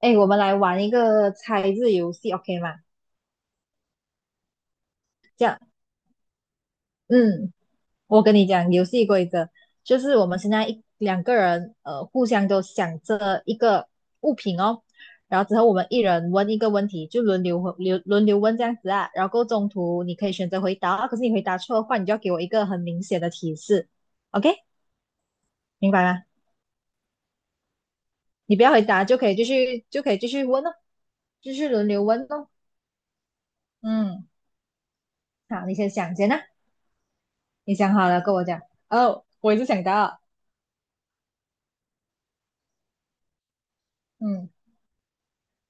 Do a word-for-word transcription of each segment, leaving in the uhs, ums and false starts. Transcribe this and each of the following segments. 哎，我们来玩一个猜字游戏，OK 吗？这样，嗯，我跟你讲游戏规则，就是我们现在一两个人，呃，互相都想着一个物品哦，然后之后我们一人问一个问题，就轮流回轮流问这样子啊，然后过后中途你可以选择回答啊，可是你回答错的话，你就要给我一个很明显的提示，OK？明白吗？你不要回答就可以继续就可以继续问哦，继续轮流问哦。嗯，好，你先想先啊。你想好了跟我讲。哦，我也是想到，嗯，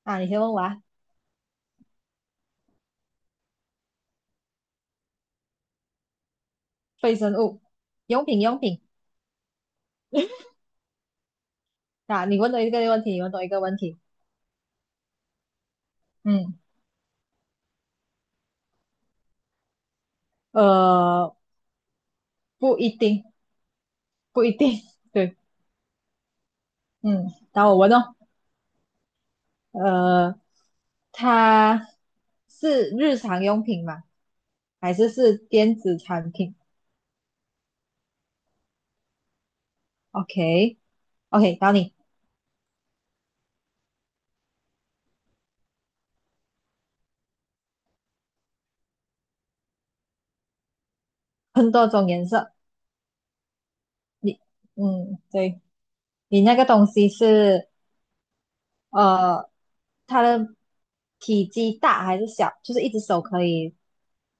啊，你先问我啊。非生物、用品、用品啊，你问多一个问题，你问多一个问题。嗯，呃，不一定，不一定，对，嗯，然后我问哦，呃，它是日常用品吗？还是是电子产品？OK，OK，然后你很多种颜色，你，嗯，对，你那个东西是呃，它的体积大还是小，就是一只手可以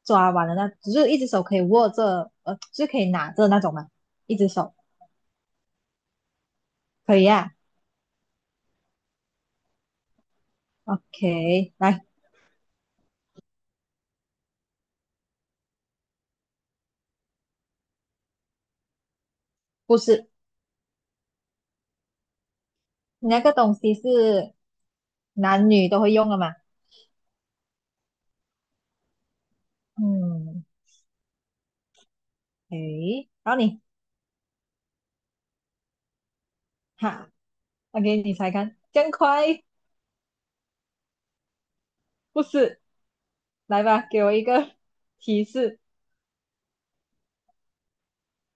抓完的那，只是一只手可以握着，呃，就是可以拿着那种嘛，一只手可以啊。OK，来，不是，你那个东西是男女都会用的嘛？嗯，诶，然后你哈，OK，你猜看，真样快，不是，来吧，给我一个提示，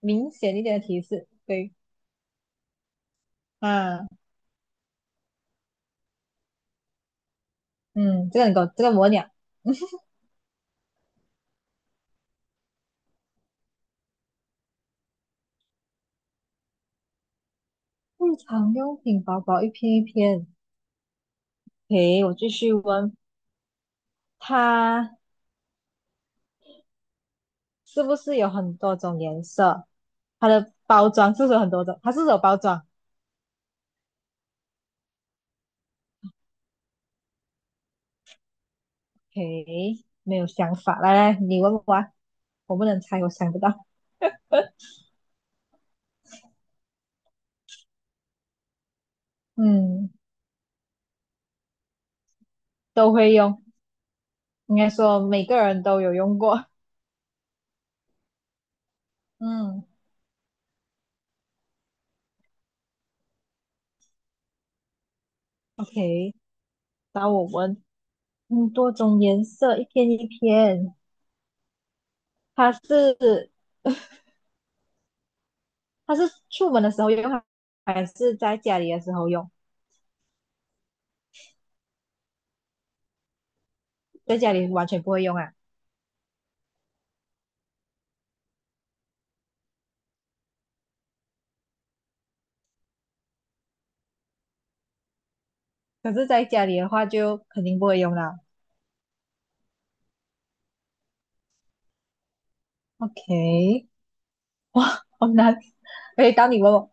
明显一点的提示，对，啊，嗯，这个你给我，这个我鸟。日常用品薄薄一片一片，诶，我继续问，它是不是有很多种颜色？它的包装是不是有很多种？它是不是有包装？诶，没有想法，来来，你问我啊，我不能猜，我想不到。嗯，都会用，应该说每个人都有用过。嗯，OK，那我问，嗯，多种颜色，一片一片，它是它是出门的时候用，还是在家里的时候用？在家里完全不会用啊。可是在家里的话就肯定不会用了。OK，哇，好难。哎，当你问我，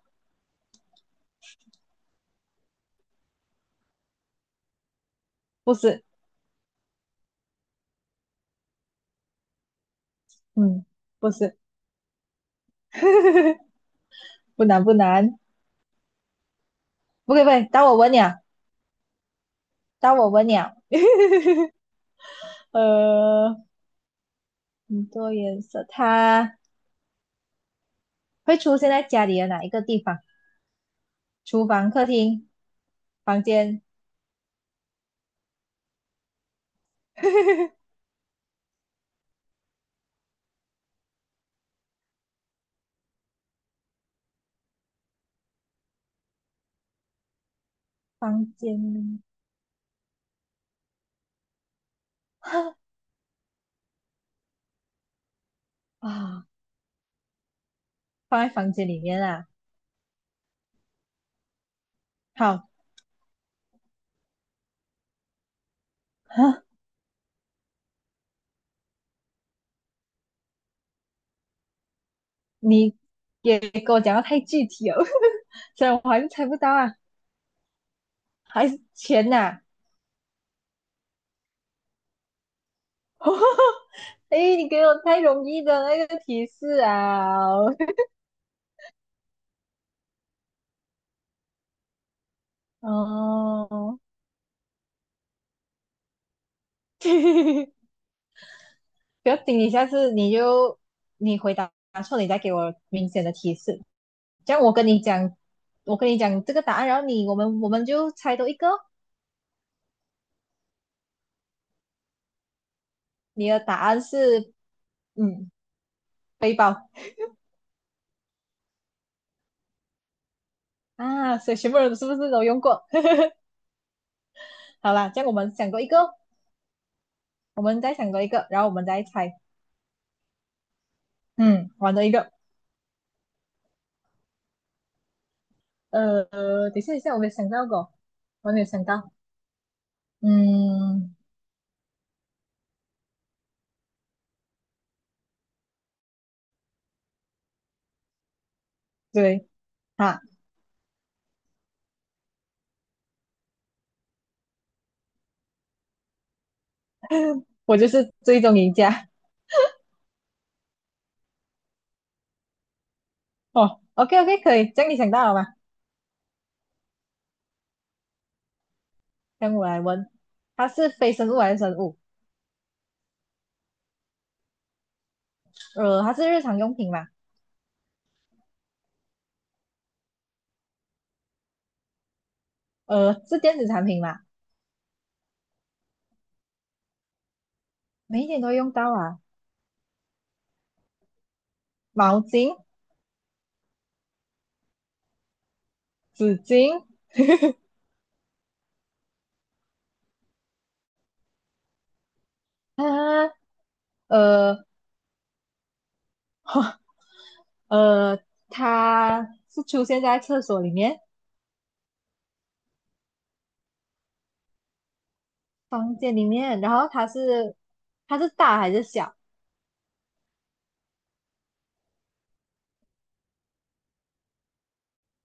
不是，嗯，不是，不难不难，不可以不可以。当我问鸟，当我问鸟，呃，很多颜色，它会出现在家里的哪一个地方？厨房、客厅、房间，房间 啊 放在房间里面啊。好，哈，你也给我讲的太具体了。所以我还是猜不到啊，还是钱呐、啊 哎，你给我太容易的那个提示啊！哦，不要紧，你下次你就你回答错，你再给我明显的提示。这样我跟你讲，我跟你讲这个答案，然后你我们我们就猜多一个哦你的答案是嗯背包啊，所以全部人是不是都用过？好啦，这样我们想多一个哦我们再想多一个，然后我们再猜。嗯，玩多一个。呃，等一下，等一下，我没有想到过，我没有想到。嗯，对，啊，我就是最终赢家。哦，OK OK，可以，这样你想到了吗？让我来问，它是非生物还是生物？呃，它是日常用品嘛？呃，是电子产品嘛？每一天都会用到啊，毛巾、纸巾啊，呃呃，它是出现在厕所里面、房间里面，然后它是它是大还是小？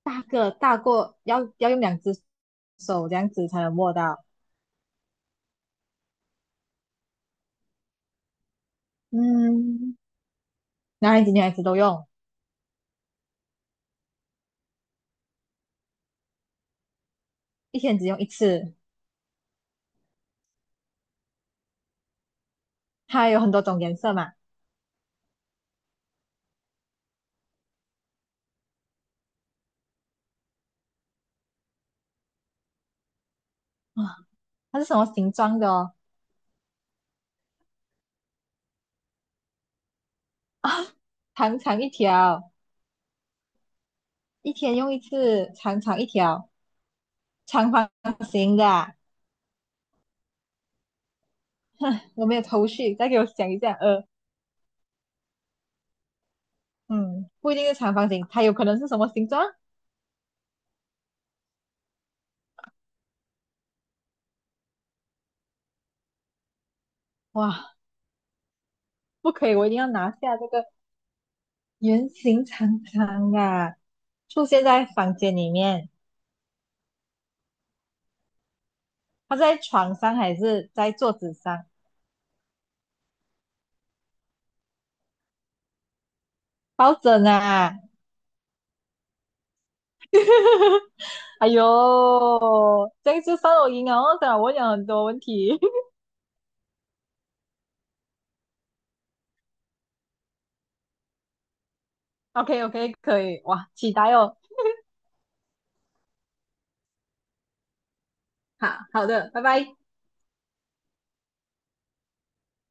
大个大过，要要用两只手这样子才能握到。嗯，男孩子女孩子都用，一天只用一次。它有很多种颜色嘛，啊，它是什么形状的哦？啊，长长一条，一天用一次，长长一条，长方形的啊哼，我没有头绪，再给我想一下。呃，嗯，不一定是长方形，它有可能是什么形状？哇，不可以，我一定要拿下这个圆形长长的啊出现在房间里面。他在床上还是在桌子上抱枕啊？哎呦，这样就算我赢了哦，虽然我讲很多问题。OK OK，可以哇，期待哦。好好的，拜拜。